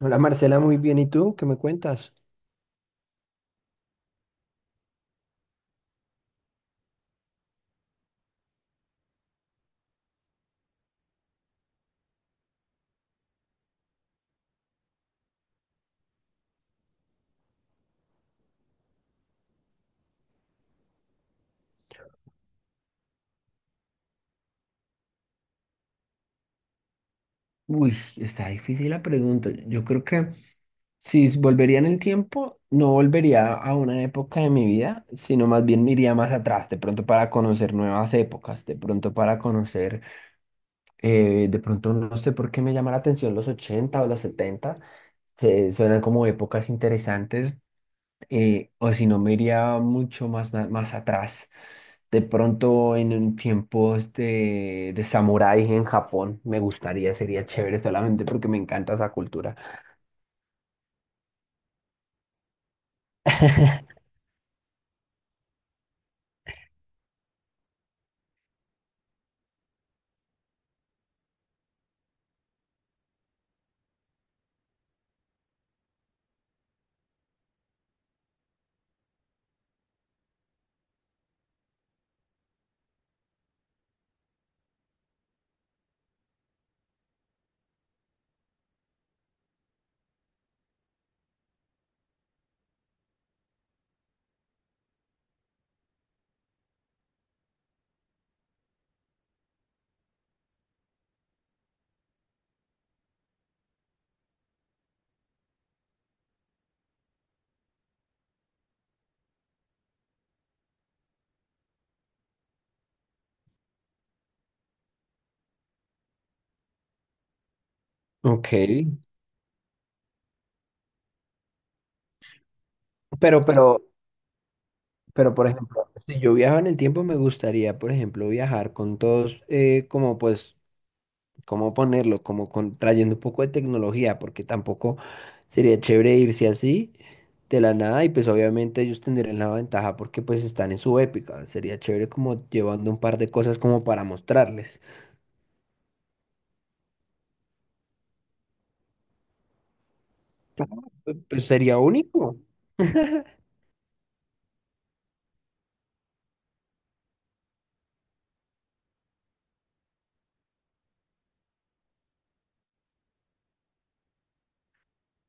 Hola Marcela, muy bien. ¿Y tú? ¿Qué me cuentas? Uy, está difícil la pregunta. Yo creo que si s- volvería en el tiempo, no volvería a una época de mi vida, sino más bien me iría más atrás, de pronto para conocer nuevas épocas, de pronto para conocer, de pronto no sé por qué me llama la atención los 80 o los 70, suenan como épocas interesantes, o si no, me iría mucho más, más atrás. De pronto en un tiempos de samurái en Japón me gustaría, sería chévere solamente porque me encanta esa cultura. Ok, pero, pero, pero por ejemplo, si yo viajaba en el tiempo, me gustaría, por ejemplo, viajar con todos, como pues cómo ponerlo, trayendo un poco de tecnología, porque tampoco sería chévere irse así de la nada y pues obviamente ellos tendrían la ventaja porque pues están en su épica. Sería chévere como llevando un par de cosas como para mostrarles. Pues, sería único.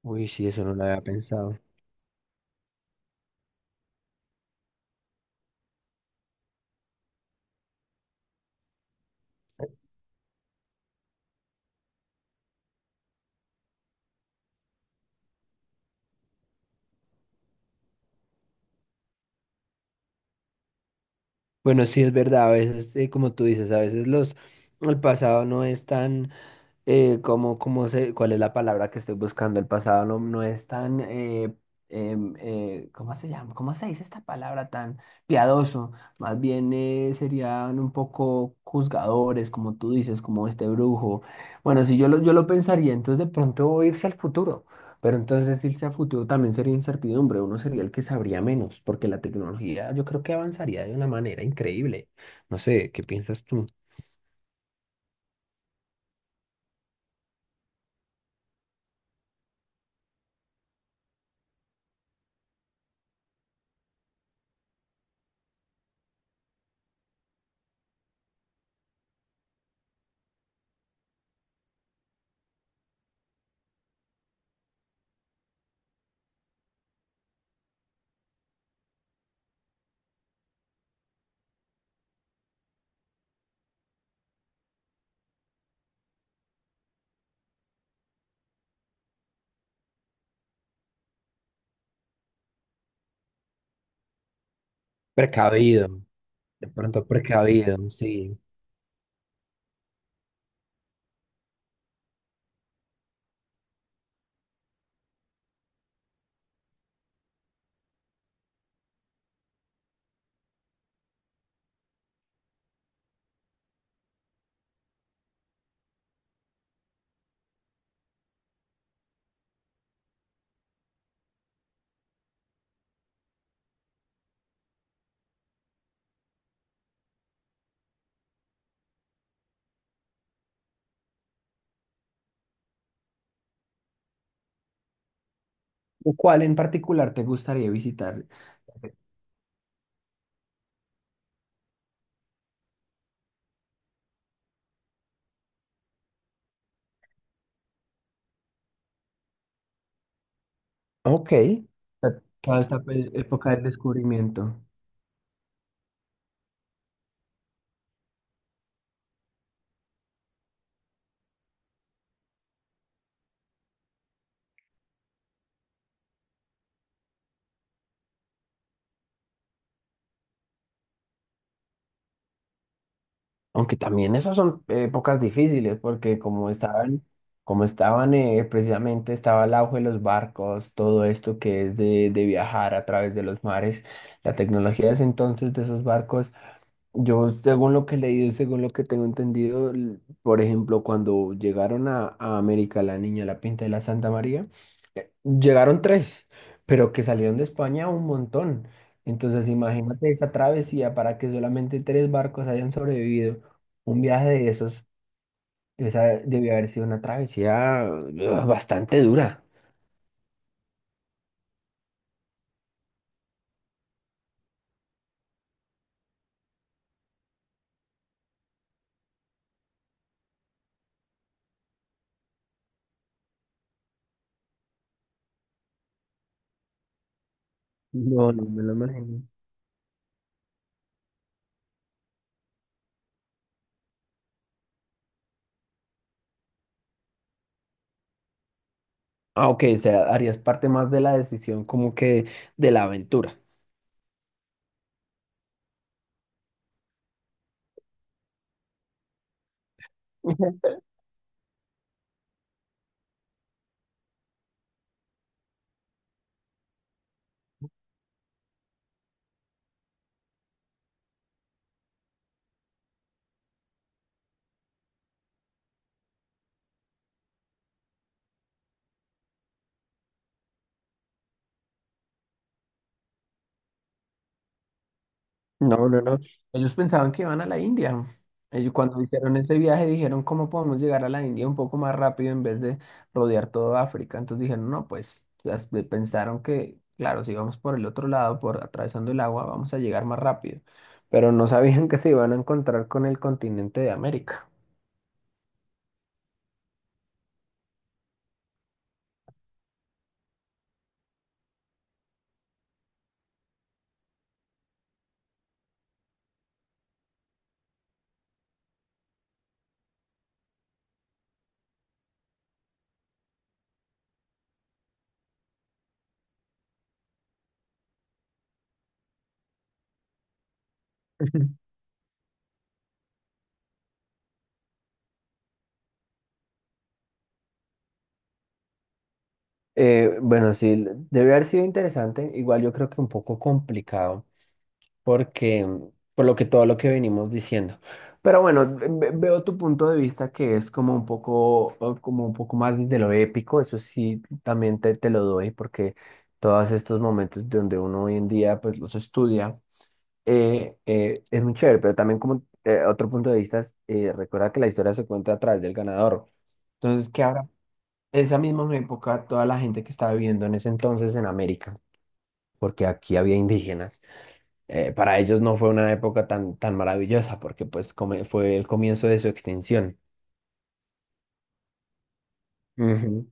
Uy, sí, eso no lo había pensado. Bueno, sí es verdad, a veces, como tú dices, el pasado no es tan. ¿Cómo, cuál es la palabra que estoy buscando? El pasado no es tan, ¿cómo se llama? ¿Cómo se dice esta palabra tan piadoso? Más bien, serían un poco juzgadores, como tú dices, como este brujo. Bueno, si yo lo, yo lo pensaría, entonces de pronto irse al futuro, pero entonces irse al futuro también sería incertidumbre, uno sería el que sabría menos, porque la tecnología yo creo que avanzaría de una manera increíble. No sé, ¿qué piensas tú? Precavido. De pronto precavido, sí. ¿Cuál en particular te gustaría visitar? Ok. Toda esta época del descubrimiento. Aunque también esas son épocas difíciles, porque como estaban, precisamente, estaba el auge de los barcos, todo esto que es de viajar a través de los mares, la tecnología de ese entonces de esos barcos, yo según lo que he leído, según lo que tengo entendido, por ejemplo, cuando llegaron a América, la Niña, la Pinta de la Santa María. Llegaron tres, pero que salieron de España un montón. Entonces, imagínate esa travesía para que solamente tres barcos hayan sobrevivido. Un viaje de esos, esa debió haber sido una travesía, ugh, bastante dura. No, no me lo imagino. Ah, ok, o sea, harías parte más de la decisión, como que de la aventura. No, no, no. Ellos pensaban que iban a la India. Ellos cuando hicieron ese viaje dijeron cómo podemos llegar a la India un poco más rápido en vez de rodear toda África. Entonces dijeron, no, pues pensaron que, claro, si vamos por el otro lado, por atravesando el agua, vamos a llegar más rápido. Pero no sabían que se iban a encontrar con el continente de América. Bueno, sí, debe haber sido interesante. Igual yo creo que un poco complicado, porque por lo que todo lo que venimos diciendo. Pero bueno, veo tu punto de vista que es como un poco más de lo épico, eso sí, también te lo doy, porque todos estos momentos donde uno hoy en día pues los estudia, es muy chévere, pero también como, otro punto de vista, es, recuerda que la historia se cuenta a través del ganador. Entonces, que ahora, esa misma época, toda la gente que estaba viviendo en ese entonces en América, porque aquí había indígenas, para ellos no fue una época tan, tan maravillosa porque pues fue el comienzo de su extinción. Ujú.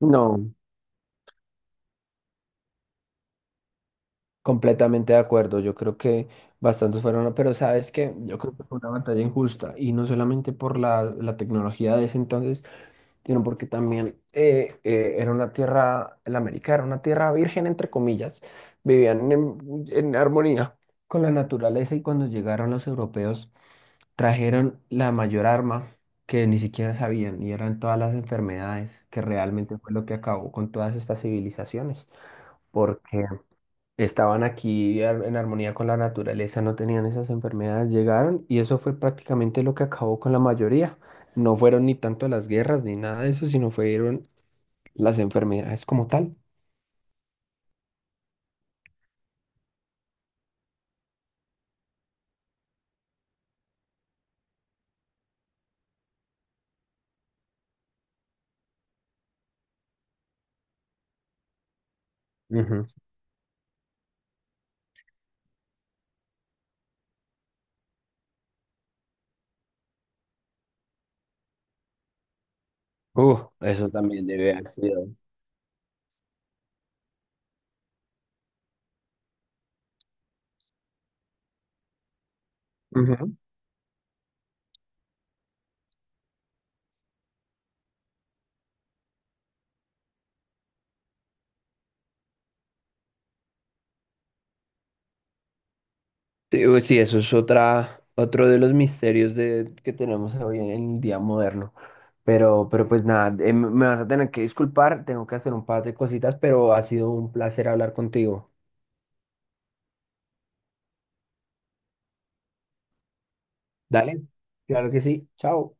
No, completamente de acuerdo, yo creo que bastantes fueron, ¿no? Pero sabes que yo creo que fue una batalla injusta y no solamente por la tecnología de ese entonces, sino porque también, era una tierra, la América era una tierra virgen, entre comillas, vivían en armonía con la naturaleza y cuando llegaron los europeos trajeron la mayor arma que ni siquiera sabían, y eran todas las enfermedades que realmente fue lo que acabó con todas estas civilizaciones, porque estaban aquí en armonía con la naturaleza, no tenían esas enfermedades, llegaron y eso fue prácticamente lo que acabó con la mayoría. No fueron ni tanto las guerras ni nada de eso, sino fueron las enfermedades como tal. Ujú. Eso también debe haber sido. Ujú. Sí, uy, sí, eso es otra, otro de los misterios de, que tenemos hoy en el día moderno. Pero pues nada, me vas a tener que disculpar, tengo que hacer un par de cositas, pero ha sido un placer hablar contigo. Dale, claro que sí, chao.